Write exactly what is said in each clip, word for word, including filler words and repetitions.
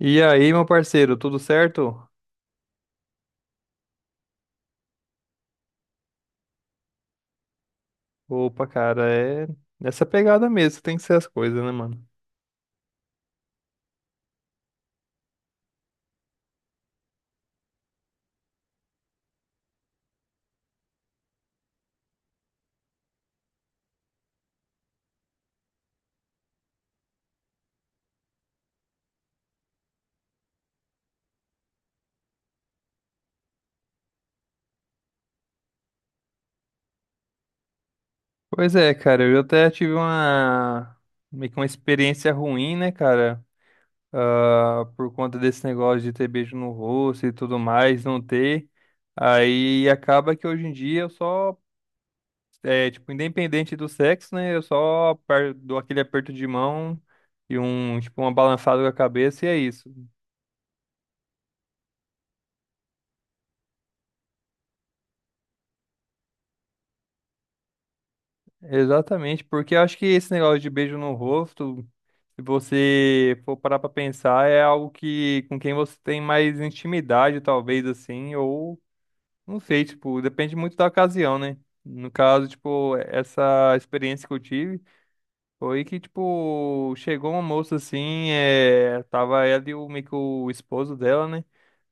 E aí, meu parceiro, tudo certo? Opa, cara, é nessa pegada mesmo, que tem que ser as coisas, né, mano? Pois é, cara, eu até tive uma meio que uma experiência ruim, né, cara? Ah, por conta desse negócio de ter beijo no rosto e tudo mais, não ter. Aí acaba que hoje em dia eu só, é, tipo, independente do sexo, né? Eu só aper- dou aquele aperto de mão e um, tipo, uma balançada com a cabeça e é isso. Exatamente, porque eu acho que esse negócio de beijo no rosto, se você for parar pra pensar, é algo que com quem você tem mais intimidade, talvez assim, ou não sei, tipo, depende muito da ocasião, né? No caso, tipo, essa experiência que eu tive. Foi que, tipo, chegou uma moça assim, é, tava ela e o, meio que o esposo dela, né?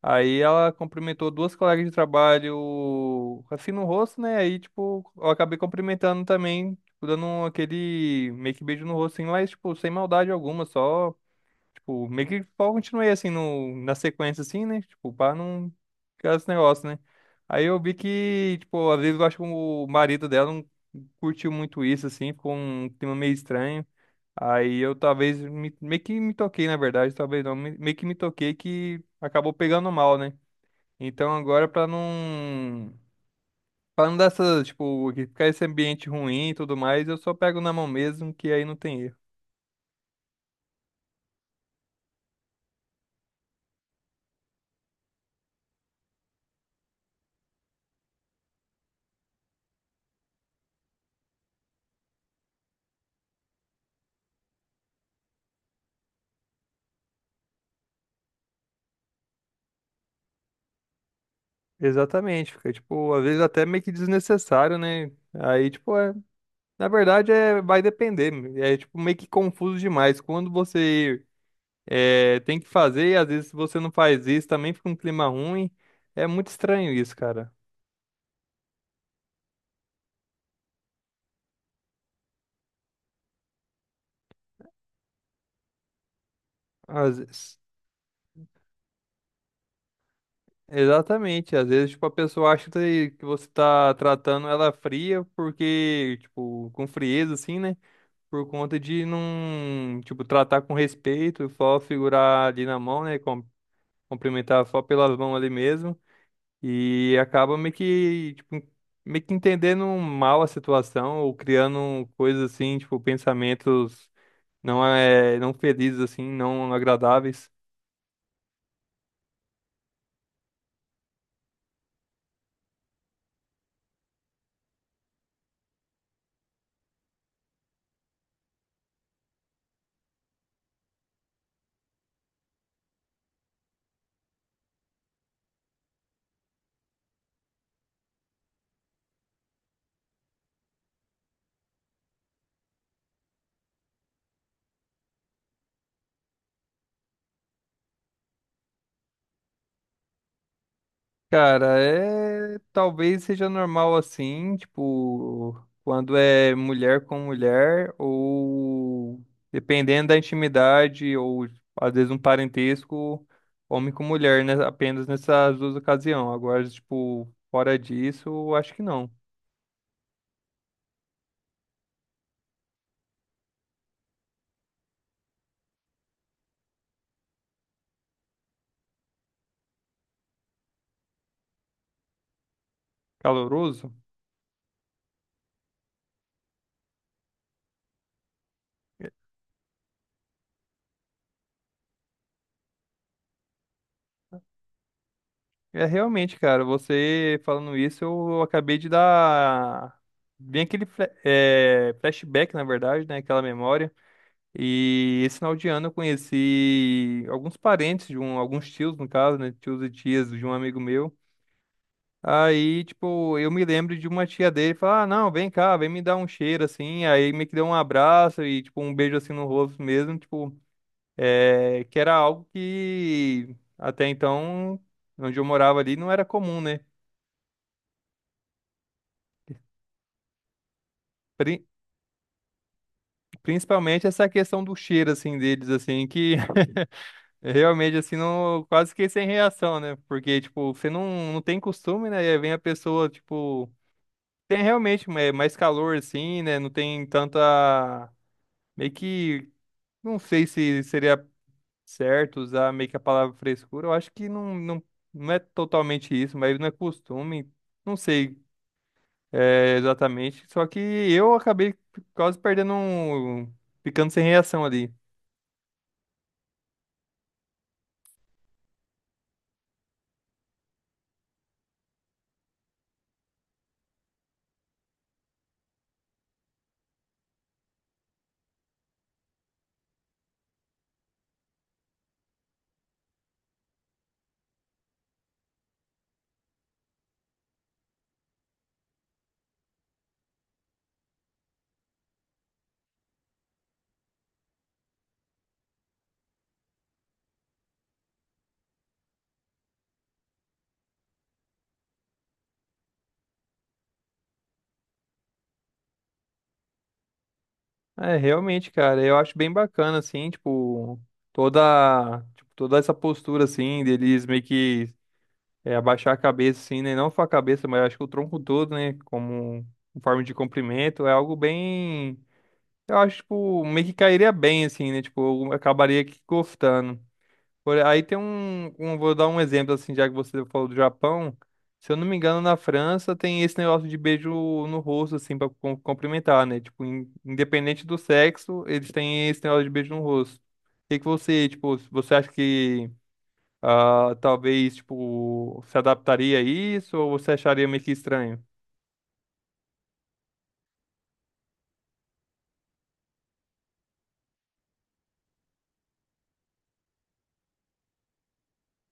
Aí ela cumprimentou duas colegas de trabalho assim no rosto, né? Aí, tipo, eu acabei cumprimentando também, tipo, dando um, aquele meio que beijo no rosto, assim, mas, tipo, sem maldade alguma, só, tipo, meio que só continuei assim no, na sequência, assim, né? Tipo, pra não ficar esse negócio, né? Aí eu vi que, tipo, às vezes eu acho que o marido dela não curtiu muito isso, assim, ficou um clima meio estranho. Aí eu talvez me- meio que me toquei, na verdade, talvez não, me- meio que me toquei que acabou pegando mal, né? Então agora pra não para não dar essa, tipo, que ficar esse ambiente ruim e tudo mais, eu só pego na mão mesmo, que aí não tem erro. Exatamente, fica tipo, às vezes até meio que desnecessário, né? Aí tipo, é, na verdade é vai depender, é tipo meio que confuso demais. Quando você é, tem que fazer e às vezes se você não faz isso, também fica um clima ruim. É muito estranho isso, cara. Às vezes. Exatamente. Às vezes, tipo, a pessoa acha que que você tá tratando ela fria porque, tipo, com frieza, assim, né? Por conta de não, tipo, tratar com respeito, só figurar ali na mão, né? com- Cumprimentar só pelas mãos ali mesmo. E acaba meio que, tipo, meio que entendendo mal a situação ou criando coisas assim, tipo, pensamentos não é, não felizes, assim, não agradáveis. Cara, é talvez seja normal assim, tipo, quando é mulher com mulher, ou dependendo da intimidade, ou às vezes um parentesco, homem com mulher, né? Apenas nessas duas ocasiões. Agora, tipo, fora disso, acho que não. Caloroso? É, é realmente, cara, você falando isso, eu acabei de dar bem aquele fle- é, flashback, na verdade, né? Aquela memória. E esse final de ano eu conheci alguns parentes de um, alguns tios, no caso, né? Tios e tias de um amigo meu. Aí, tipo, eu me lembro de uma tia dele falar, ah, não, vem cá, vem me dar um cheiro, assim. Aí meio que deu um abraço e, tipo, um beijo, assim, no rosto mesmo, tipo, é, que era algo que até então, onde eu morava ali, não era comum, né? Pri- Principalmente essa questão do cheiro, assim, deles, assim, que realmente, assim, não, quase que sem reação, né? Porque, tipo, você não, não tem costume, né? E aí vem a pessoa, tipo, tem realmente é, mais calor, assim, né? Não tem tanta. Meio que. Não sei se seria certo usar meio que a palavra frescura. Eu acho que não, não, não é totalmente isso, mas não é costume. Não sei é, exatamente. Só que eu acabei quase perdendo um. Ficando sem reação ali. É, realmente, cara, eu acho bem bacana, assim, tipo, toda, tipo, toda essa postura, assim, deles meio que é, abaixar a cabeça, assim, né? Não só a cabeça, mas eu acho que o tronco todo, né? Como em forma de cumprimento, é algo bem, eu acho, tipo, meio que cairia bem, assim, né? Tipo, eu acabaria que gostando. Por- Aí tem um, um- Vou dar um exemplo, assim, já que você falou do Japão. Se eu não me engano, na França tem esse negócio de beijo no rosto, assim, pra cum- cumprimentar, né? Tipo, in- independente do sexo, eles têm esse negócio de beijo no rosto. O que que você, tipo, você acha que ah, talvez, tipo, se adaptaria a isso ou você acharia meio que estranho?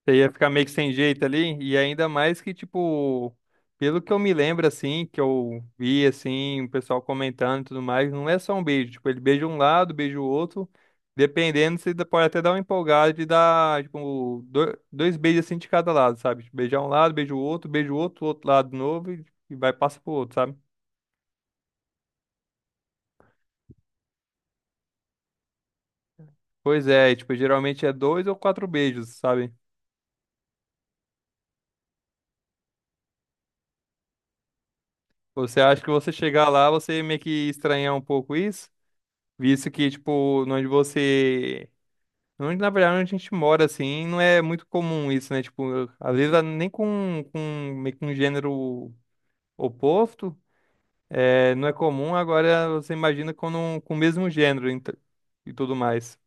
Você ia ficar meio que sem jeito ali, e ainda mais que, tipo, pelo que eu me lembro, assim, que eu vi, assim, o pessoal comentando e tudo mais, não é só um beijo, tipo, ele beija um lado, beija o outro, dependendo, você dá- pode até dar uma empolgada de dar, tipo, do- dois beijos, assim, de cada lado, sabe? Tipo, beijar um lado, beija o outro, beija o outro, outro lado de novo, e, e vai, passa pro outro, sabe? Pois é, e, tipo, geralmente é dois ou quatro beijos, sabe? Você acha que você chegar lá, você meio que estranhar um pouco isso? Visto que, tipo, onde você onde, na verdade, onde a gente mora, assim, não é muito comum isso, né? Tipo, eu- às vezes a- nem com, com, meio que um gênero oposto, é, não é comum, agora você imagina com, um- com o mesmo gênero ent- e tudo mais.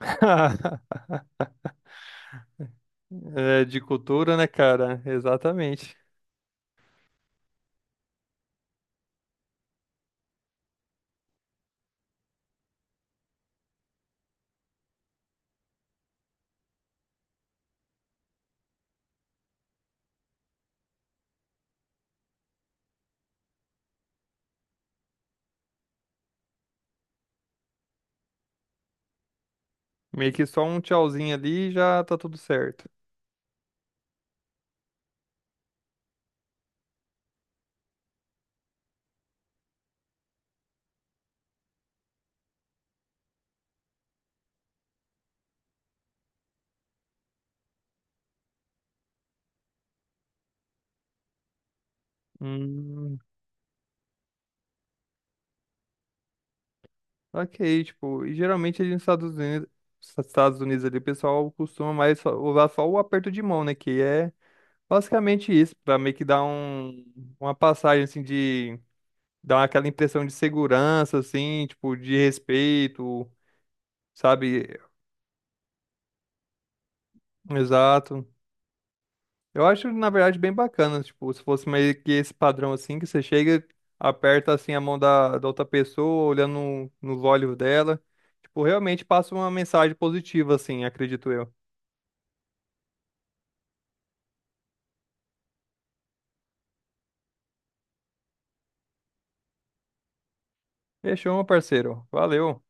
É, de cultura, né, cara? Exatamente. Meio que só um tchauzinho ali e já tá tudo certo. Hum, ok, tipo, e geralmente ali nos Estados Unidos, Estados Unidos ali, o pessoal costuma mais só- usar só o aperto de mão, né? Que é basicamente isso, pra meio que dar um, uma passagem assim de dar aquela impressão de segurança assim, tipo de respeito, sabe? Exato. Eu acho na verdade bem bacana, tipo, se fosse meio que esse padrão assim que você chega, aperta assim a mão da, da outra pessoa, olhando no- nos olhos dela, tipo, realmente passa uma mensagem positiva assim, acredito eu. Fechou, meu parceiro. Valeu.